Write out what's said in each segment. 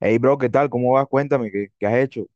Hey, bro, ¿qué tal? ¿Cómo vas? Cuéntame, ¿qué has hecho?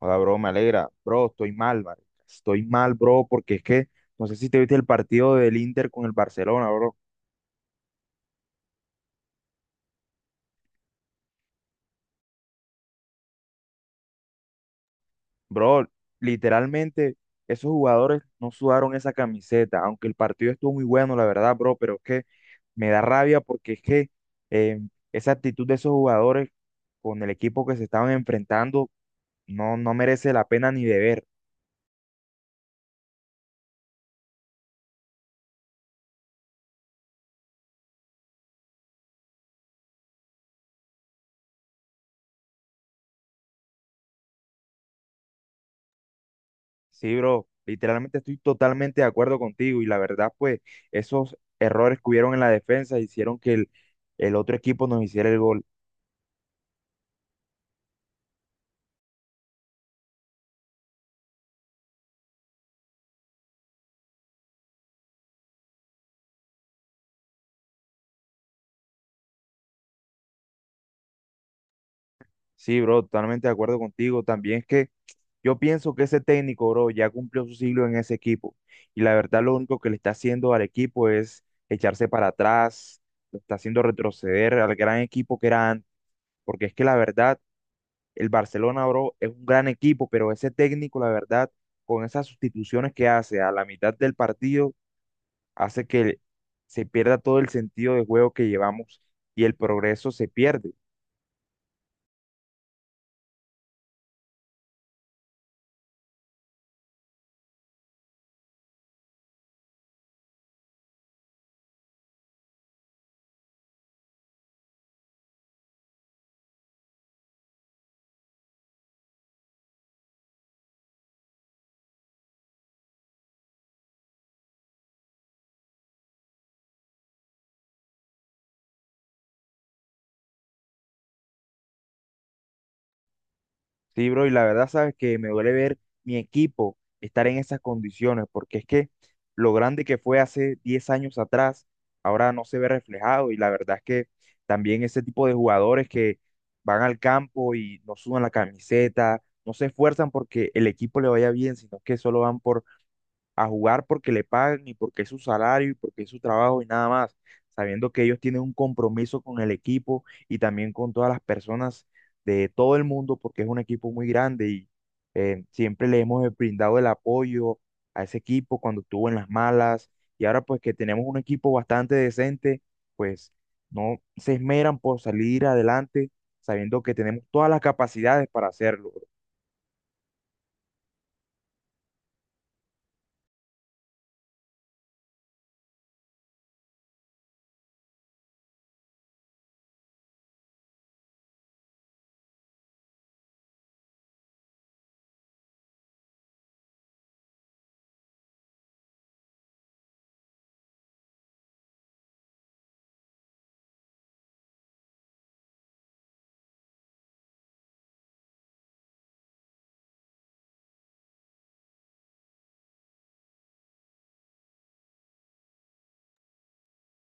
Hola, bro, me alegra. Bro, estoy mal, marica. Estoy mal, bro, porque es que no sé si te viste el partido del Inter con el Barcelona, bro. Bro, literalmente, esos jugadores no sudaron esa camiseta, aunque el partido estuvo muy bueno, la verdad, bro, pero es que me da rabia porque es que eh, esa actitud de esos jugadores con el equipo que se estaban enfrentando no merece la pena ni de ver. Sí, bro, literalmente estoy totalmente de acuerdo contigo y la verdad, pues esos errores que hubieron en la defensa hicieron que el otro equipo nos hiciera el gol. Sí, bro, totalmente de acuerdo contigo. También es que yo pienso que ese técnico, bro, ya cumplió su siglo en ese equipo y la verdad lo único que le está haciendo al equipo es echarse para atrás, lo está haciendo retroceder al gran equipo que era antes, porque es que la verdad el Barcelona, bro, es un gran equipo, pero ese técnico, la verdad, con esas sustituciones que hace a la mitad del partido, hace que se pierda todo el sentido de juego que llevamos y el progreso se pierde. Sí, bro, y la verdad, sabes que me duele ver mi equipo estar en esas condiciones, porque es que lo grande que fue hace 10 años atrás, ahora no se ve reflejado, y la verdad es que también ese tipo de jugadores que van al campo y no sudan la camiseta, no se esfuerzan porque el equipo le vaya bien, sino que solo van por a jugar porque le pagan y porque es su salario y porque es su trabajo y nada más, sabiendo que ellos tienen un compromiso con el equipo y también con todas las personas de todo el mundo porque es un equipo muy grande y siempre le hemos brindado el apoyo a ese equipo cuando estuvo en las malas y ahora pues que tenemos un equipo bastante decente, pues no se esmeran por salir adelante sabiendo que tenemos todas las capacidades para hacerlo.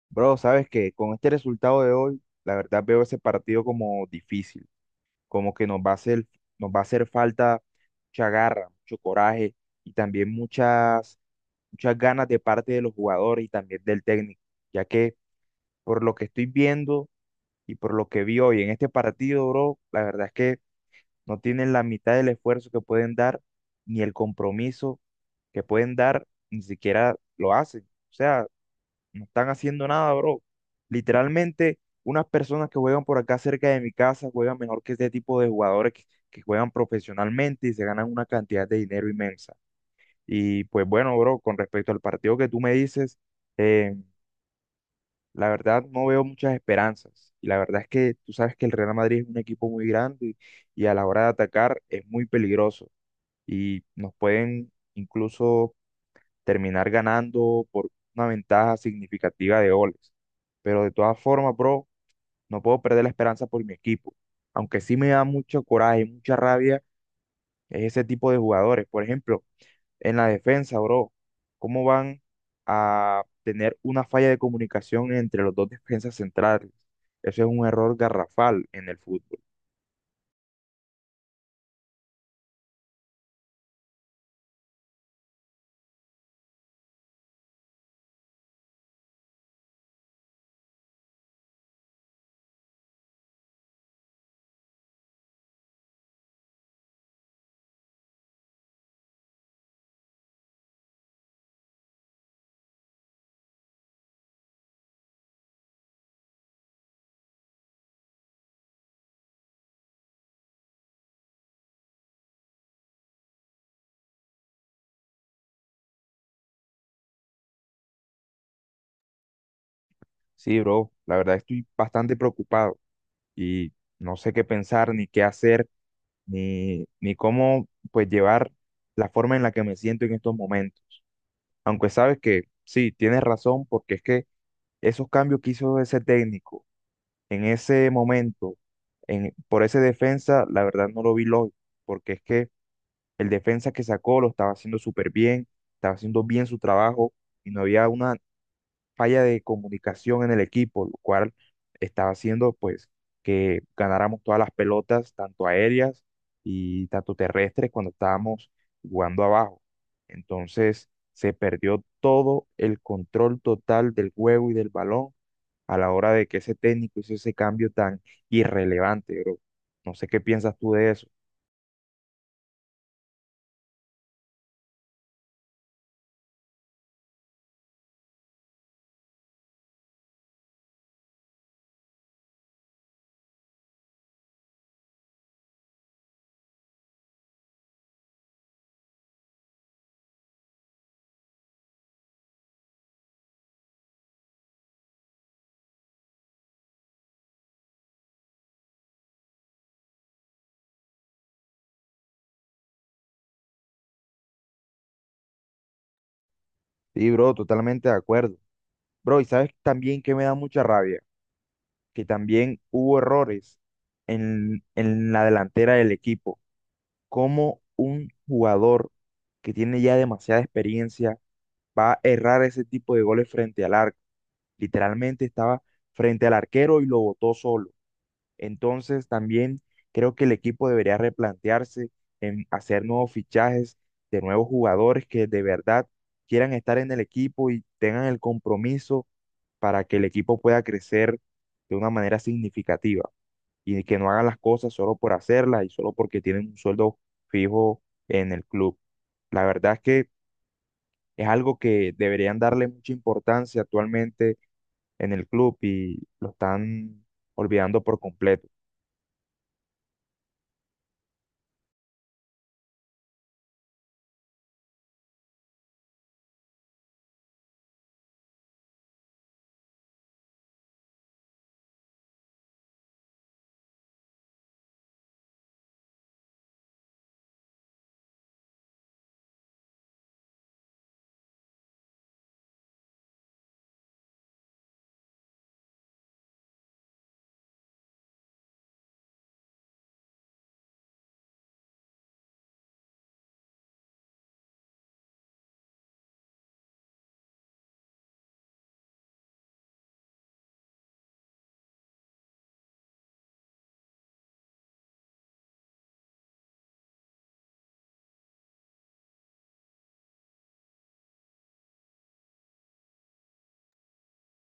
Bro, sabes que con este resultado de hoy, la verdad veo ese partido como difícil, como que nos va a hacer falta mucha garra, mucho coraje y también muchas ganas de parte de los jugadores y también del técnico, ya que por lo que estoy viendo y por lo que vi hoy en este partido, bro, la verdad es que no tienen la mitad del esfuerzo que pueden dar, ni el compromiso que pueden dar, ni siquiera lo hacen. O sea, no están haciendo nada, bro. Literalmente, unas personas que juegan por acá cerca de mi casa juegan mejor que este tipo de que juegan profesionalmente y se ganan una cantidad de dinero inmensa. Y pues bueno, bro, con respecto al partido que tú me dices, eh, la verdad no veo muchas esperanzas. Y la verdad es que tú sabes que el Real Madrid es un equipo muy grande y a la hora de atacar es muy peligroso. Y nos pueden incluso terminar ganando por una ventaja significativa de goles. Pero de todas formas, bro, no puedo perder la esperanza por mi equipo. Aunque sí me da mucho coraje y mucha rabia es ese tipo de jugadores. Por ejemplo, en la defensa, bro, ¿cómo van a tener una falla de comunicación entre los dos defensas centrales? Eso es un error garrafal en el fútbol. Sí, bro, la verdad estoy bastante preocupado y no sé qué pensar ni qué hacer ni cómo pues llevar la forma en la que me siento en estos momentos. Aunque sabes que sí, tienes razón, porque es que esos cambios que hizo ese técnico en ese momento, en, por ese defensa, la verdad no lo vi lógico, porque es que el defensa que sacó lo estaba haciendo súper bien, estaba haciendo bien su trabajo y no había una falla de comunicación en el equipo, lo cual estaba haciendo pues que ganáramos todas las pelotas, tanto aéreas y tanto terrestres, cuando estábamos jugando abajo. Entonces se perdió todo el control total del juego y del balón a la hora de que ese técnico hizo ese cambio tan irrelevante, bro. No sé qué piensas tú de eso. Sí, bro, totalmente de acuerdo. Bro, y sabes también que me da mucha rabia, que también hubo errores en la delantera del equipo. ¿Cómo un jugador que tiene ya demasiada experiencia va a errar ese tipo de goles frente al arco? Literalmente estaba frente al arquero y lo botó solo. Entonces también creo que el equipo debería replantearse en hacer nuevos fichajes de nuevos jugadores que de verdad quieran estar en el equipo y tengan el compromiso para que el equipo pueda crecer de una manera significativa y que no hagan las cosas solo por hacerlas y solo porque tienen un sueldo fijo en el club. La verdad es que es algo que deberían darle mucha importancia actualmente en el club y lo están olvidando por completo.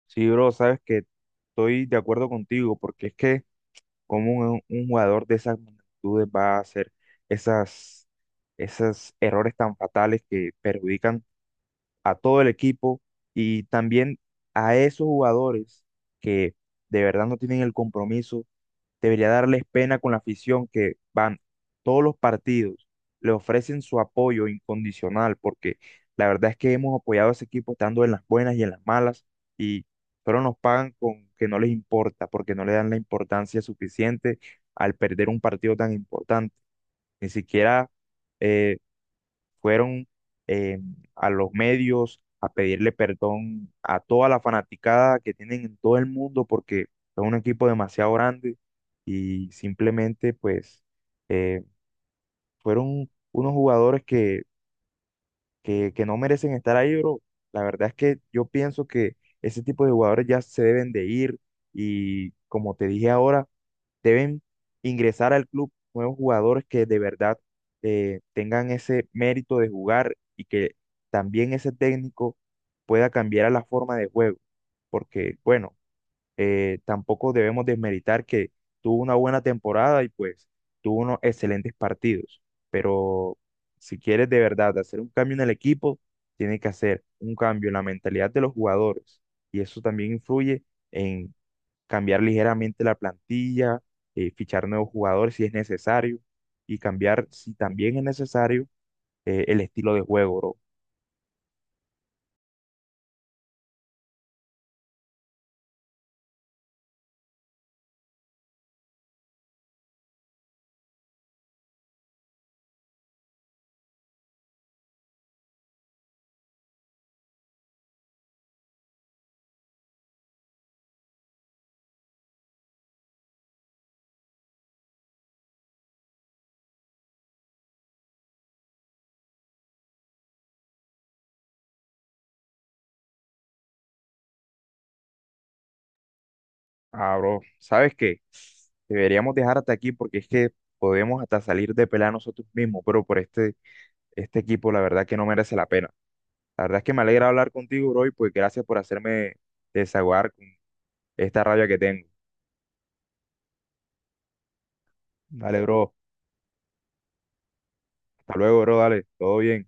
Sí, bro, sabes que estoy de acuerdo contigo porque es que como un jugador de esas magnitudes va a hacer esas, esos errores tan fatales que perjudican a todo el equipo y también a esos jugadores que de verdad no tienen el compromiso, debería darles pena con la afición que van todos los partidos, le ofrecen su apoyo incondicional, porque la verdad es que hemos apoyado a ese equipo estando en las buenas y en las malas, y pero nos pagan con que no les importa, porque no le dan la importancia suficiente al perder un partido tan importante. Ni siquiera eh, fueron eh, a los medios a pedirle perdón a toda la fanaticada que tienen en todo el mundo porque son un equipo demasiado grande y simplemente pues eh, fueron unos que no merecen estar ahí, bro. La verdad es que yo pienso que ese tipo de jugadores ya se deben de ir y como te dije ahora, deben ingresar al club nuevos jugadores que de verdad tengan ese mérito de jugar y que también ese técnico pueda cambiar a la forma de juego, porque bueno, tampoco debemos desmeritar que tuvo una buena temporada y pues tuvo unos excelentes partidos, pero si quieres de verdad hacer un cambio en el equipo, tienes que hacer un cambio en la mentalidad de los jugadores y eso también influye en cambiar ligeramente la plantilla, fichar nuevos jugadores si es necesario y cambiar, si también es necesario, el estilo de juego, bro. Ah, bro, ¿sabes qué? Deberíamos dejar hasta aquí porque es que podemos hasta salir de pelea nosotros mismos, pero por este equipo la verdad que no merece la pena. La verdad es que me alegra hablar contigo, bro, y pues gracias por hacerme desahogar con esta rabia que tengo. Dale, bro. Hasta luego, bro. Dale. Todo bien.